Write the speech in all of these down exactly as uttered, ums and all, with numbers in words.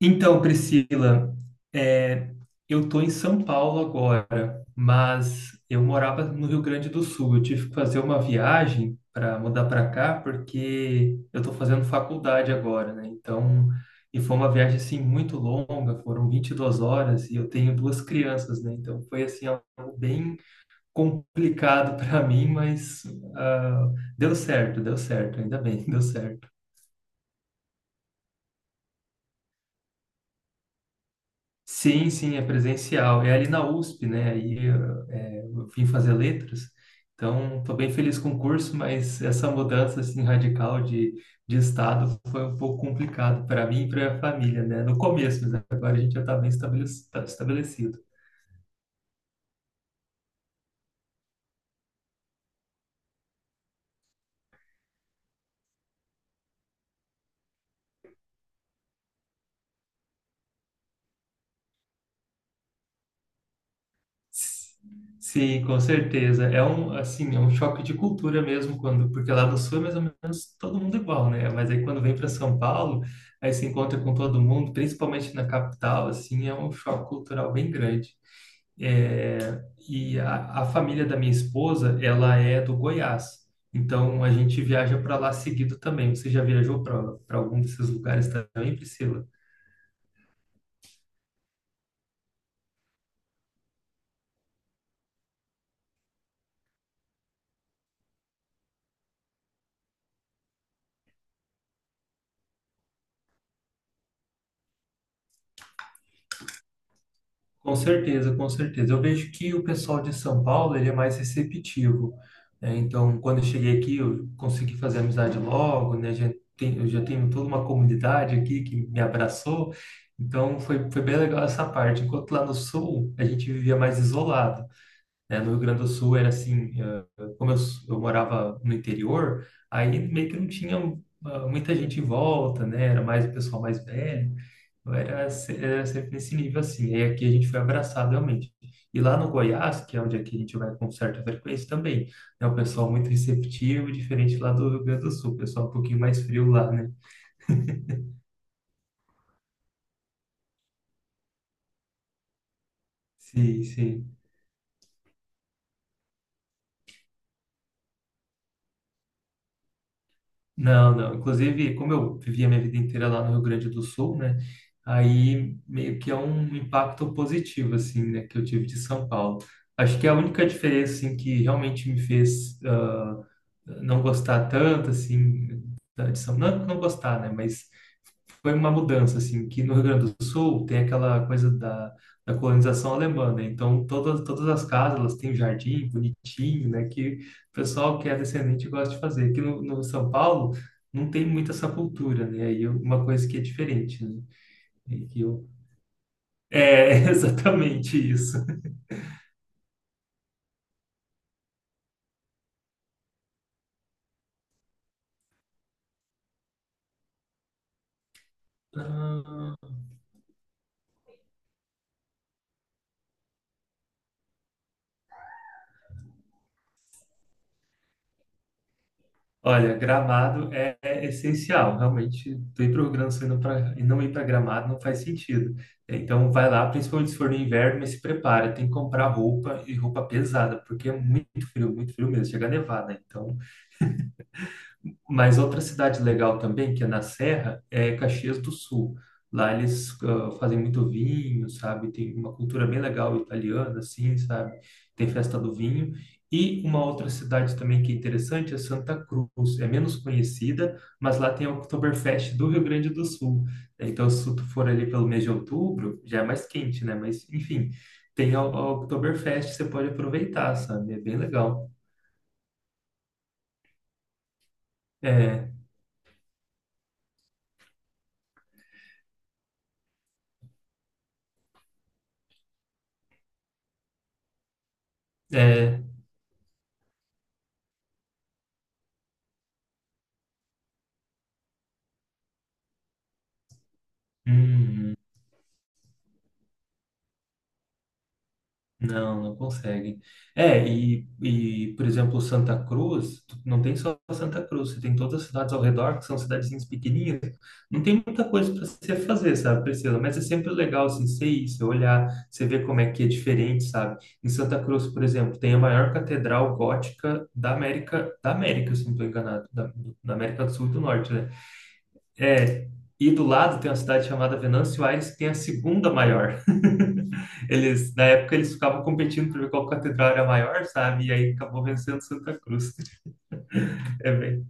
Então, Priscila, é, eu estou em São Paulo agora, mas eu morava no Rio Grande do Sul. Eu tive que fazer uma viagem para mudar para cá, porque eu estou fazendo faculdade agora, né? Então, e foi uma viagem assim muito longa, foram vinte e duas horas e eu tenho duas crianças, né? Então, foi assim algo bem complicado para mim, mas ah, deu certo, deu certo, ainda bem, deu certo. Sim, sim, é presencial. É ali na U S P, né? Aí eh, eu vim fazer letras. Então, estou bem feliz com o curso, mas essa mudança assim radical de, de estado foi um pouco complicado para mim e para a família, né? No começo, mas agora a gente já está bem estabelec- tá estabelecido. Sim, com certeza. É um, assim, é um choque de cultura mesmo quando, porque lá no sul é mais ou menos todo mundo igual, né? Mas aí quando vem para São Paulo, aí se encontra com todo mundo, principalmente na capital, assim, é um choque cultural bem grande. É, e a, a família da minha esposa, ela é do Goiás. Então a gente viaja para lá seguido também. Você já viajou para para algum desses lugares também, Priscila? Com certeza, com certeza. Eu vejo que o pessoal de São Paulo, ele é mais receptivo, né? Então, quando eu cheguei aqui, eu consegui fazer amizade logo, né? Já tem- eu já tenho toda uma comunidade aqui que me abraçou, então foi, foi bem legal essa parte. Enquanto lá no Sul, a gente vivia mais isolado, né? No Rio Grande do Sul era assim, eh, como eu, eu morava no interior, aí meio que não tinha ah, muita gente em volta, né? Era mais o pessoal mais velho. Então, era, se- era sempre nesse nível assim. Aí aqui a gente foi abraçado realmente. E lá no Goiás, que é onde aqui a gente vai com certa frequência também, né? O pessoal muito receptivo, diferente lá do Rio Grande do Sul, o pessoal um pouquinho mais frio lá, né? Sim, sim. Não, não. Inclusive, como eu vivi a minha vida inteira lá no Rio Grande do Sul, né? Aí meio que é um impacto positivo, assim, né? Que eu tive de São Paulo. Acho que é a única diferença, assim, que realmente me fez ah, não gostar tanto, assim, da- de São... Não, não gostar, né? Mas foi uma mudança, assim, que no Rio Grande do Sul tem aquela coisa da, da colonização alemã, né? Então, todas, todas as casas, elas têm um jardim bonitinho, né? Que o pessoal que é descendente gosta de fazer. Aqui no, no São Paulo não tem muita essa cultura, né? Aí é uma coisa que é diferente, né? E que eu... É exatamente isso. Ah, Olha, Gramado é, é essencial, realmente. Tu ir para o Rio Grande do Sul e não pra- e não ir para Gramado não faz sentido. É, Então vai lá, principalmente se for no inverno, mas se prepara, tem que comprar roupa e roupa pesada, porque é muito frio, muito frio mesmo, chega a nevar, né? Então, mas outra cidade legal também, que é na Serra, é Caxias do Sul. Lá eles ah, fazem muito vinho, sabe? Tem uma cultura bem legal italiana, assim, sabe? Tem festa do vinho. E uma outra cidade também que é interessante é Santa Cruz. É menos conhecida, mas lá tem o Oktoberfest do Rio Grande do Sul. Então, se tu for ali pelo mês de outubro, já é mais quente, né? Mas, enfim, tem a a Oktoberfest, você pode aproveitar, sabe? É bem legal. É, é. Uhum. Não, não consegue. É, e, e, por exemplo, Santa Cruz, tu não tem só Santa Cruz, você tem todas as cidades ao redor, que são cidadezinhas pequenininhas. Não tem muita coisa para você fazer, sabe, Priscila? Mas é sempre legal, assim, você ir, você olhar, você ver como é que é diferente, sabe? Em Santa Cruz, por exemplo, tem a maior catedral gótica da América, da América, se não estou enganado, da, da América do Sul e do Norte, né? É, e do lado tem uma cidade chamada Venâncio Aires, que tem a segunda maior. Eles, na época, eles ficavam competindo para ver qual catedral era maior, sabe? E aí acabou vencendo Santa Cruz. É bem.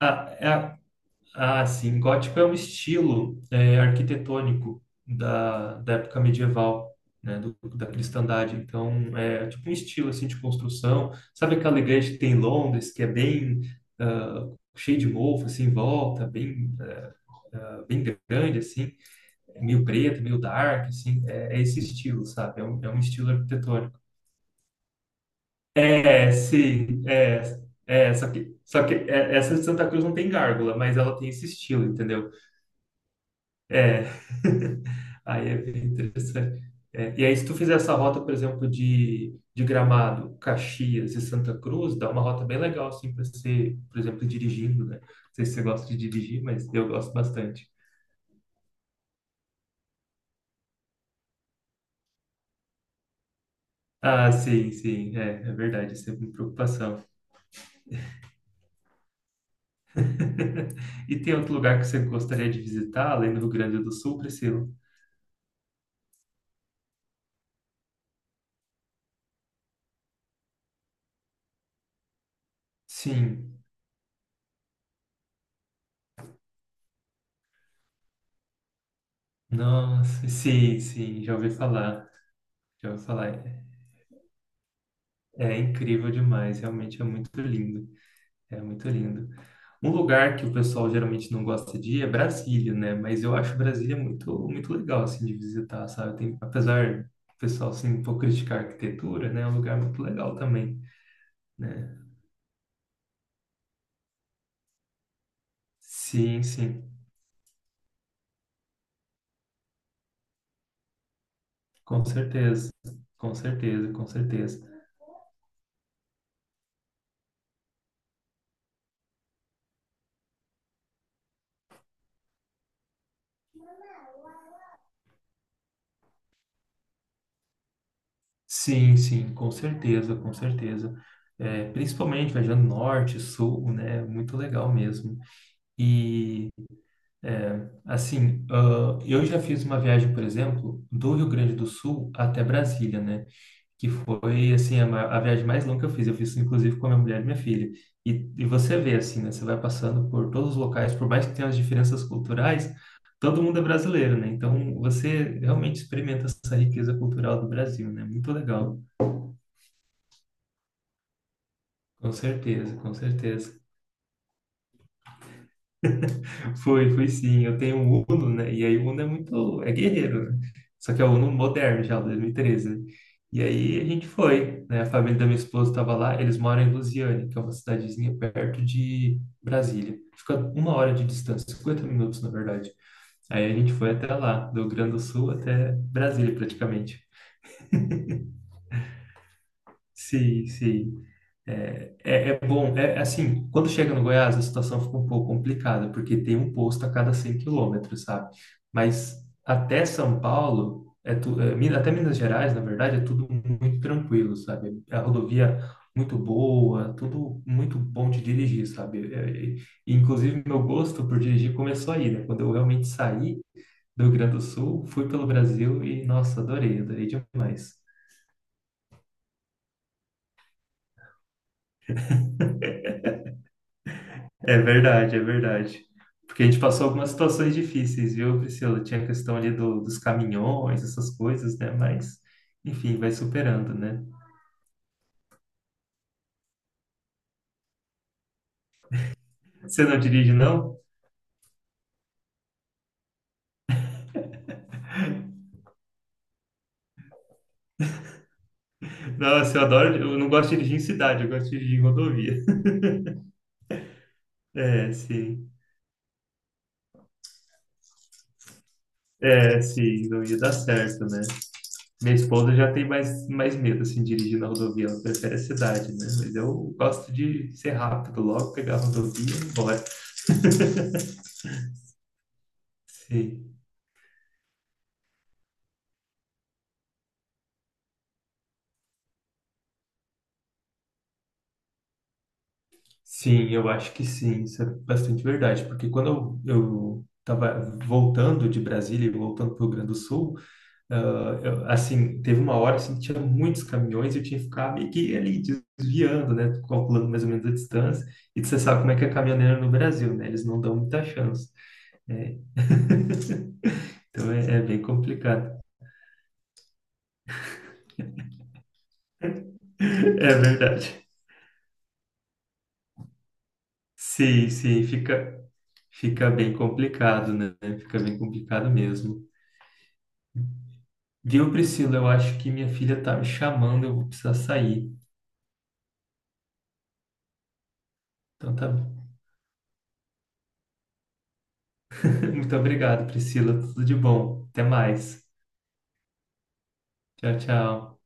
Ah, é, a- ah, sim, gótico é um estilo é, arquitetônico da, da época medieval, né? Do, da cristandade. Então, é tipo um estilo assim de construção. Sabe aquela igreja que tem em Londres, que é bem ah, cheio de mofo, assim, em volta, bem ah, bem grande, assim, meio preto, meio dark, assim, é, é esse estilo, sabe? É um, é um estilo arquitetônico. É, sim, é, é, só que, só que é- essa de Santa Cruz não tem gárgula, mas ela tem esse estilo, entendeu? É, aí é bem interessante. É, e aí, se tu fizer essa rota, por exemplo, de, de Gramado, Caxias e Santa Cruz, dá uma rota bem legal, assim, para você, por exemplo, dirigindo, né? Não sei se você gosta de dirigir, mas eu gosto bastante. Ah, sim, sim, é, é verdade, é sempre uma preocupação. E tem outro lugar que você gostaria de visitar, além do Rio Grande do Sul, Priscila? Sim, nossa, sim, sim, já ouvi falar, já ouvi falar. É é incrível demais, realmente é muito lindo, é muito lindo. Um lugar que o pessoal geralmente não gosta de ir é Brasília, né? Mas eu acho Brasília muito, muito legal, assim, de visitar, sabe? Tem, apesar do pessoal, assim, um pouco criticar a arquitetura, né? É um lugar muito legal também, né? Sim, sim. Com certeza, com certeza, com certeza. Sim, sim, com certeza, com certeza. É, principalmente viajando norte, sul, né? Muito legal mesmo. E, é, assim, ah, eu já fiz uma viagem, por exemplo, do Rio Grande do Sul até Brasília, né? Que foi assim a, ma- a viagem mais longa que eu fiz. Eu fiz inclusive com a minha mulher e minha filha. E, e você vê assim, né? Você vai passando por todos os locais, por mais que tenha as diferenças culturais, todo mundo é brasileiro, né? Então você realmente experimenta essa riqueza cultural do Brasil, né? Muito legal. Com certeza, com certeza. Foi, foi sim. Eu tenho um Uno, né? E aí o Uno é muito, é guerreiro, né? Só que é o Uno moderno já, dois mil e treze, né? E aí a gente foi, né? A família da minha esposa estava lá, eles moram em Lusiane, que é uma cidadezinha perto de Brasília. Fica uma hora de distância, cinquenta minutos, na verdade. Aí a gente foi até lá, do Rio Grande do Sul até Brasília, praticamente. Sim, sim. É, é é bom, é é assim, quando chega no Goiás a situação fica um pouco complicada, porque tem um posto a cada cem quilômetros, sabe? Mas até São Paulo, é tu, é, Minas- até Minas Gerais, na verdade, é tudo muito tranquilo, sabe? A rodovia muito boa, tudo muito bom de dirigir, sabe? É, é, inclusive, meu gosto por dirigir começou aí, né? Quando eu realmente saí do Rio Grande do Sul, fui pelo Brasil e, nossa, adorei, adorei demais. É verdade, é verdade. Porque a gente passou algumas situações difíceis, viu, Priscila? Tinha a questão ali do, dos caminhões, essas coisas, né? Mas, enfim, vai superando, né? Você não dirige, não? Nossa, eu adoro. Eu não gosto de dirigir em cidade, eu gosto de dirigir em rodovia. É, sim. É, sim, não ia dar certo, né? Minha esposa já tem mais, mais medo, assim, de dirigir na rodovia. Ela prefere a cidade, né? Mas eu gosto de ser rápido logo, pegar a rodovia e ir embora. Sim. Sim, eu acho que sim, isso é bastante verdade, porque quando eu, eu estava voltando de Brasília e voltando para o Rio Grande do Sul, ah, eu- assim, teve uma hora assim, que tinha muitos caminhões e eu tinha que ficar meio que ali desviando, né, calculando mais ou menos a distância, e você sabe como é que é caminhoneiro no Brasil, né, eles não dão muita chance. É, então é, é bem complicado. É verdade. Sim, sim, fica, fica bem complicado, né, fica bem complicado mesmo. Viu, Priscila? Eu acho que minha filha tá me chamando, eu vou precisar sair. Então, tá bom. Muito obrigado, Priscila. Tudo de bom. Até mais. Tchau, tchau.